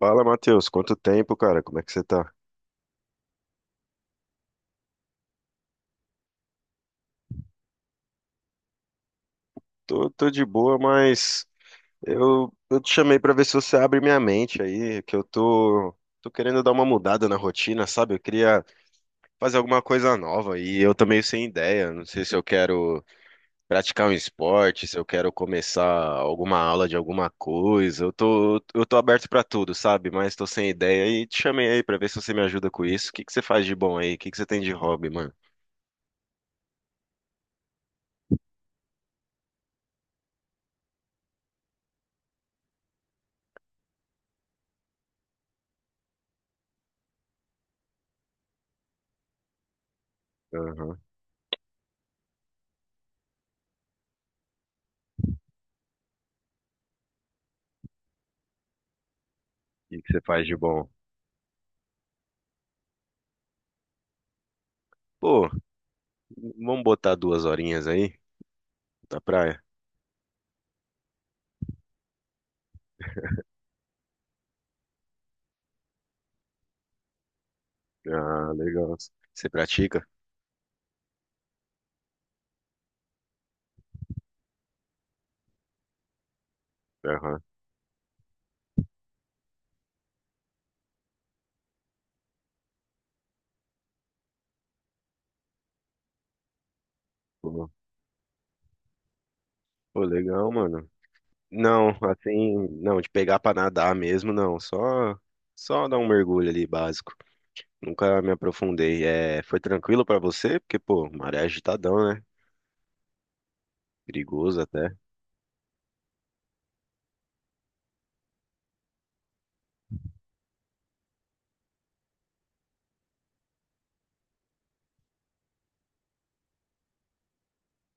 Fala, Matheus, quanto tempo, cara? Como é que você tá? Tô de boa, mas eu te chamei pra ver se você abre minha mente aí, que eu tô querendo dar uma mudada na rotina, sabe? Eu queria fazer alguma coisa nova e eu tô meio sem ideia. Não sei se eu quero praticar um esporte, se eu quero começar alguma aula de alguma coisa. Eu tô aberto pra tudo, sabe? Mas tô sem ideia e te chamei aí pra ver se você me ajuda com isso. O que que você faz de bom aí? O que que você tem de hobby, mano? Aham. O que que você faz de bom? Pô. Vamos botar duas horinhas aí da praia? Ah, legal. Você pratica? Aham. Pô, pô, legal, mano. Não, assim, não, de pegar pra nadar mesmo, não. Só dar um mergulho ali básico. Nunca me aprofundei. É, foi tranquilo pra você? Porque, pô, maré é agitadão, né? Perigoso até.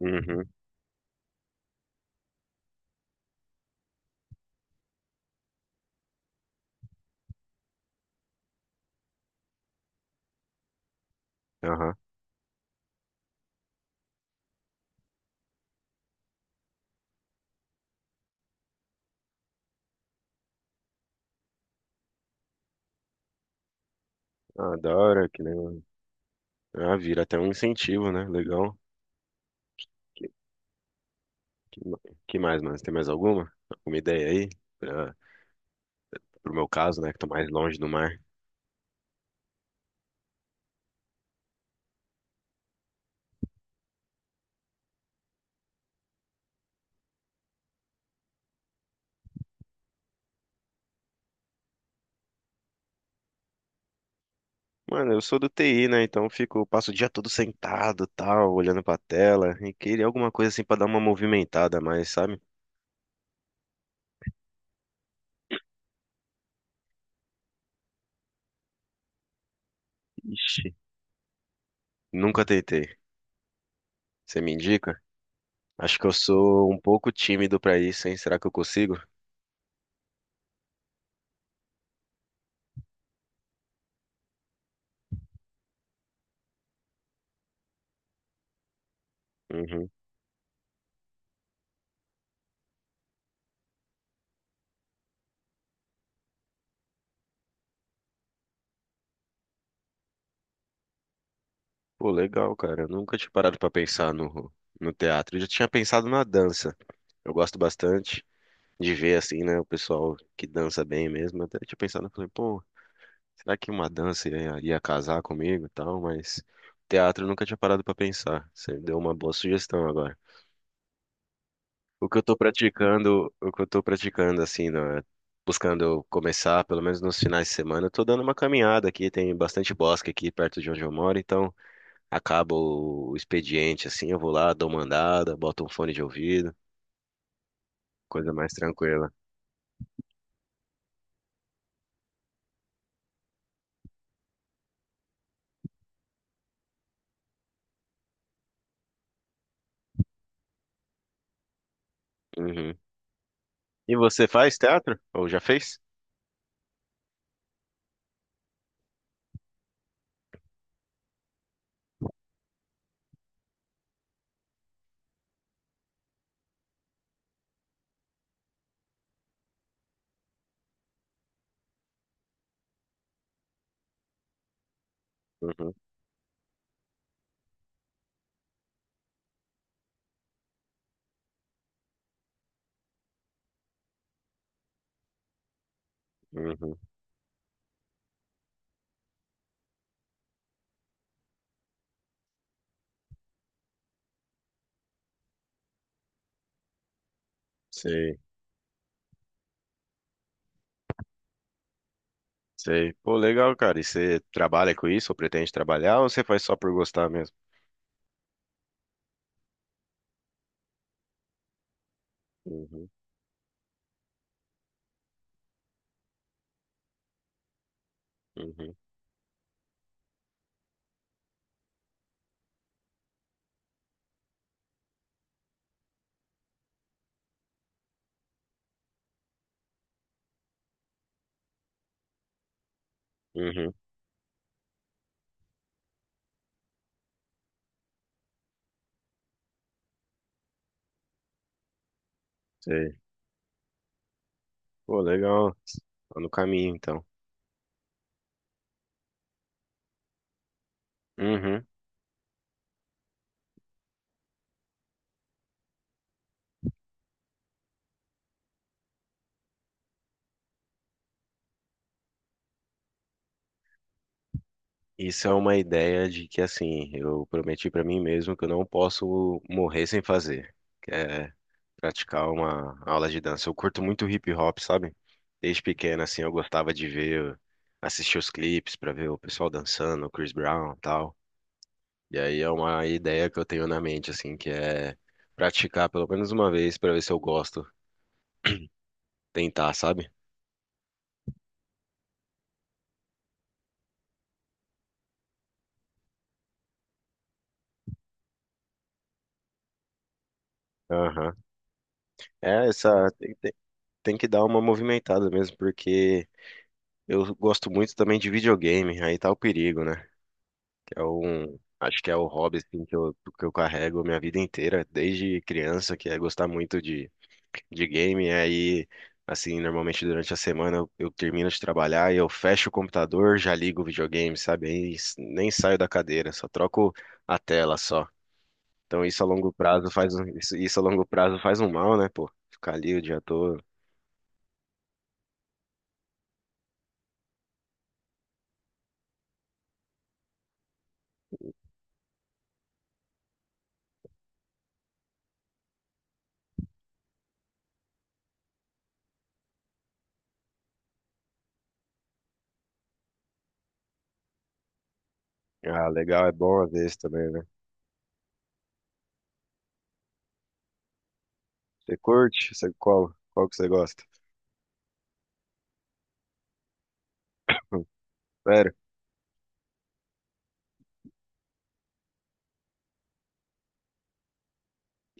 Uhum. Aham. Ah, da hora, que legal. Ah, vira até um incentivo, né? Legal. Que, que, ma- que mais, mano? Você tem mais alguma? Alguma ideia aí? Pra, pro meu caso, né? Que tô mais longe do mar. Mano, eu sou do TI, né? Então eu fico, passo o dia todo sentado, tal, olhando pra tela. E queria alguma coisa assim pra dar uma movimentada a mais, sabe? Ixi, nunca tentei. Você me indica? Acho que eu sou um pouco tímido pra isso, hein? Será que eu consigo? Uhum. Pô, legal, cara. Eu nunca tinha parado pra pensar no teatro. Eu já tinha pensado na dança. Eu gosto bastante de ver, assim, né? O pessoal que dança bem mesmo. Até tinha pensado, falei, pô, será que uma dança ia casar comigo e tal? Mas teatro eu nunca tinha parado pra pensar. Você deu uma boa sugestão agora. O que eu tô praticando assim, na- Buscando começar, pelo menos nos finais de semana, eu tô dando uma caminhada aqui, tem bastante bosque aqui perto de onde eu moro, então acaba o expediente assim, eu vou lá, dou uma andada, boto um fone de ouvido, coisa mais tranquila. Uhum. E você faz teatro? Ou já fez? Uhum, uhum. Sei. Sei. Pô, legal, cara. E você trabalha com isso ou pretende trabalhar ou você faz só por gostar mesmo? Uhum, uhum, uhum. Sei. Pô, legal. Tá no caminho, então. Uhum. Isso é uma ideia de que, assim, eu prometi pra mim mesmo que eu não posso morrer sem fazer. Que é praticar uma aula de dança. Eu curto muito hip hop, sabe? Desde pequeno, assim, eu gostava de ver, assistir os clipes pra ver o pessoal dançando, o Chris Brown e tal. E aí é uma ideia que eu tenho na mente, assim, que é praticar pelo menos uma vez pra ver se eu gosto. Tentar, sabe? Aham. É, essa tem que dar uma movimentada mesmo, porque eu gosto muito também de videogame, aí tá o perigo, né? Que é um, acho que é o hobby assim, que eu carrego a minha vida inteira, desde criança, que é gostar muito de game. Aí, assim, normalmente durante a semana eu termino de trabalhar e eu fecho o computador, já ligo o videogame, sabe? Aí nem saio da cadeira, só troco a tela só. Então isso a longo prazo faz um mal, né, pô? Ficar ali o dia todo. Ah, legal, é bom às vezes também, né? Você curte? Você qual? Qual que você gosta? Sério?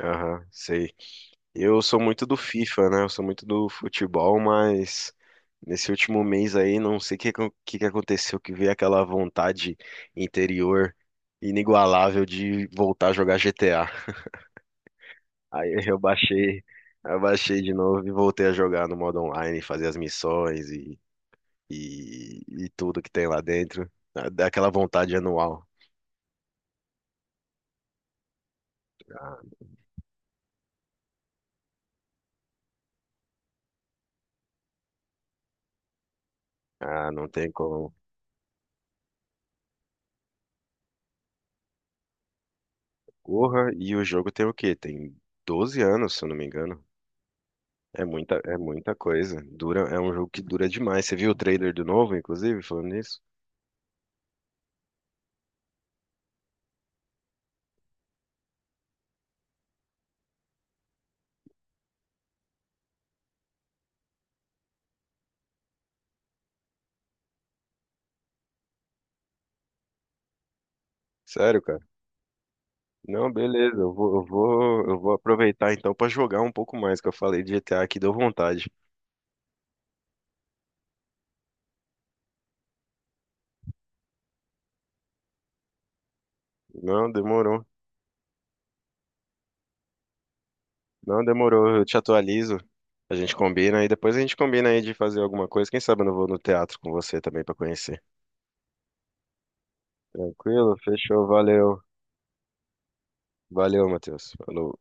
Aham, sei. Eu sou muito do FIFA, né? Eu sou muito do futebol, mas nesse último mês aí, não sei o que, que aconteceu, que veio aquela vontade interior inigualável de voltar a jogar GTA. Aí eu baixei de novo e voltei a jogar no modo online, fazer as missões e tudo que tem lá dentro. Dá aquela vontade anual. Ah, ah, não tem como. Porra, e o jogo tem o quê? Tem 12 anos, se eu não me engano. É muita coisa. Dura, é um jogo que dura demais. Você viu o trailer do novo, inclusive, falando nisso? Sério, cara? Não, beleza. Eu vou aproveitar então pra jogar um pouco mais, que eu falei de GTA aqui, deu vontade. Não, demorou. Não, demorou. Eu te atualizo. A gente combina e depois a gente combina aí de fazer alguma coisa. Quem sabe eu não vou no teatro com você também pra conhecer. Tranquilo? Fechou. Valeu. Valeu, Matheus. Falou.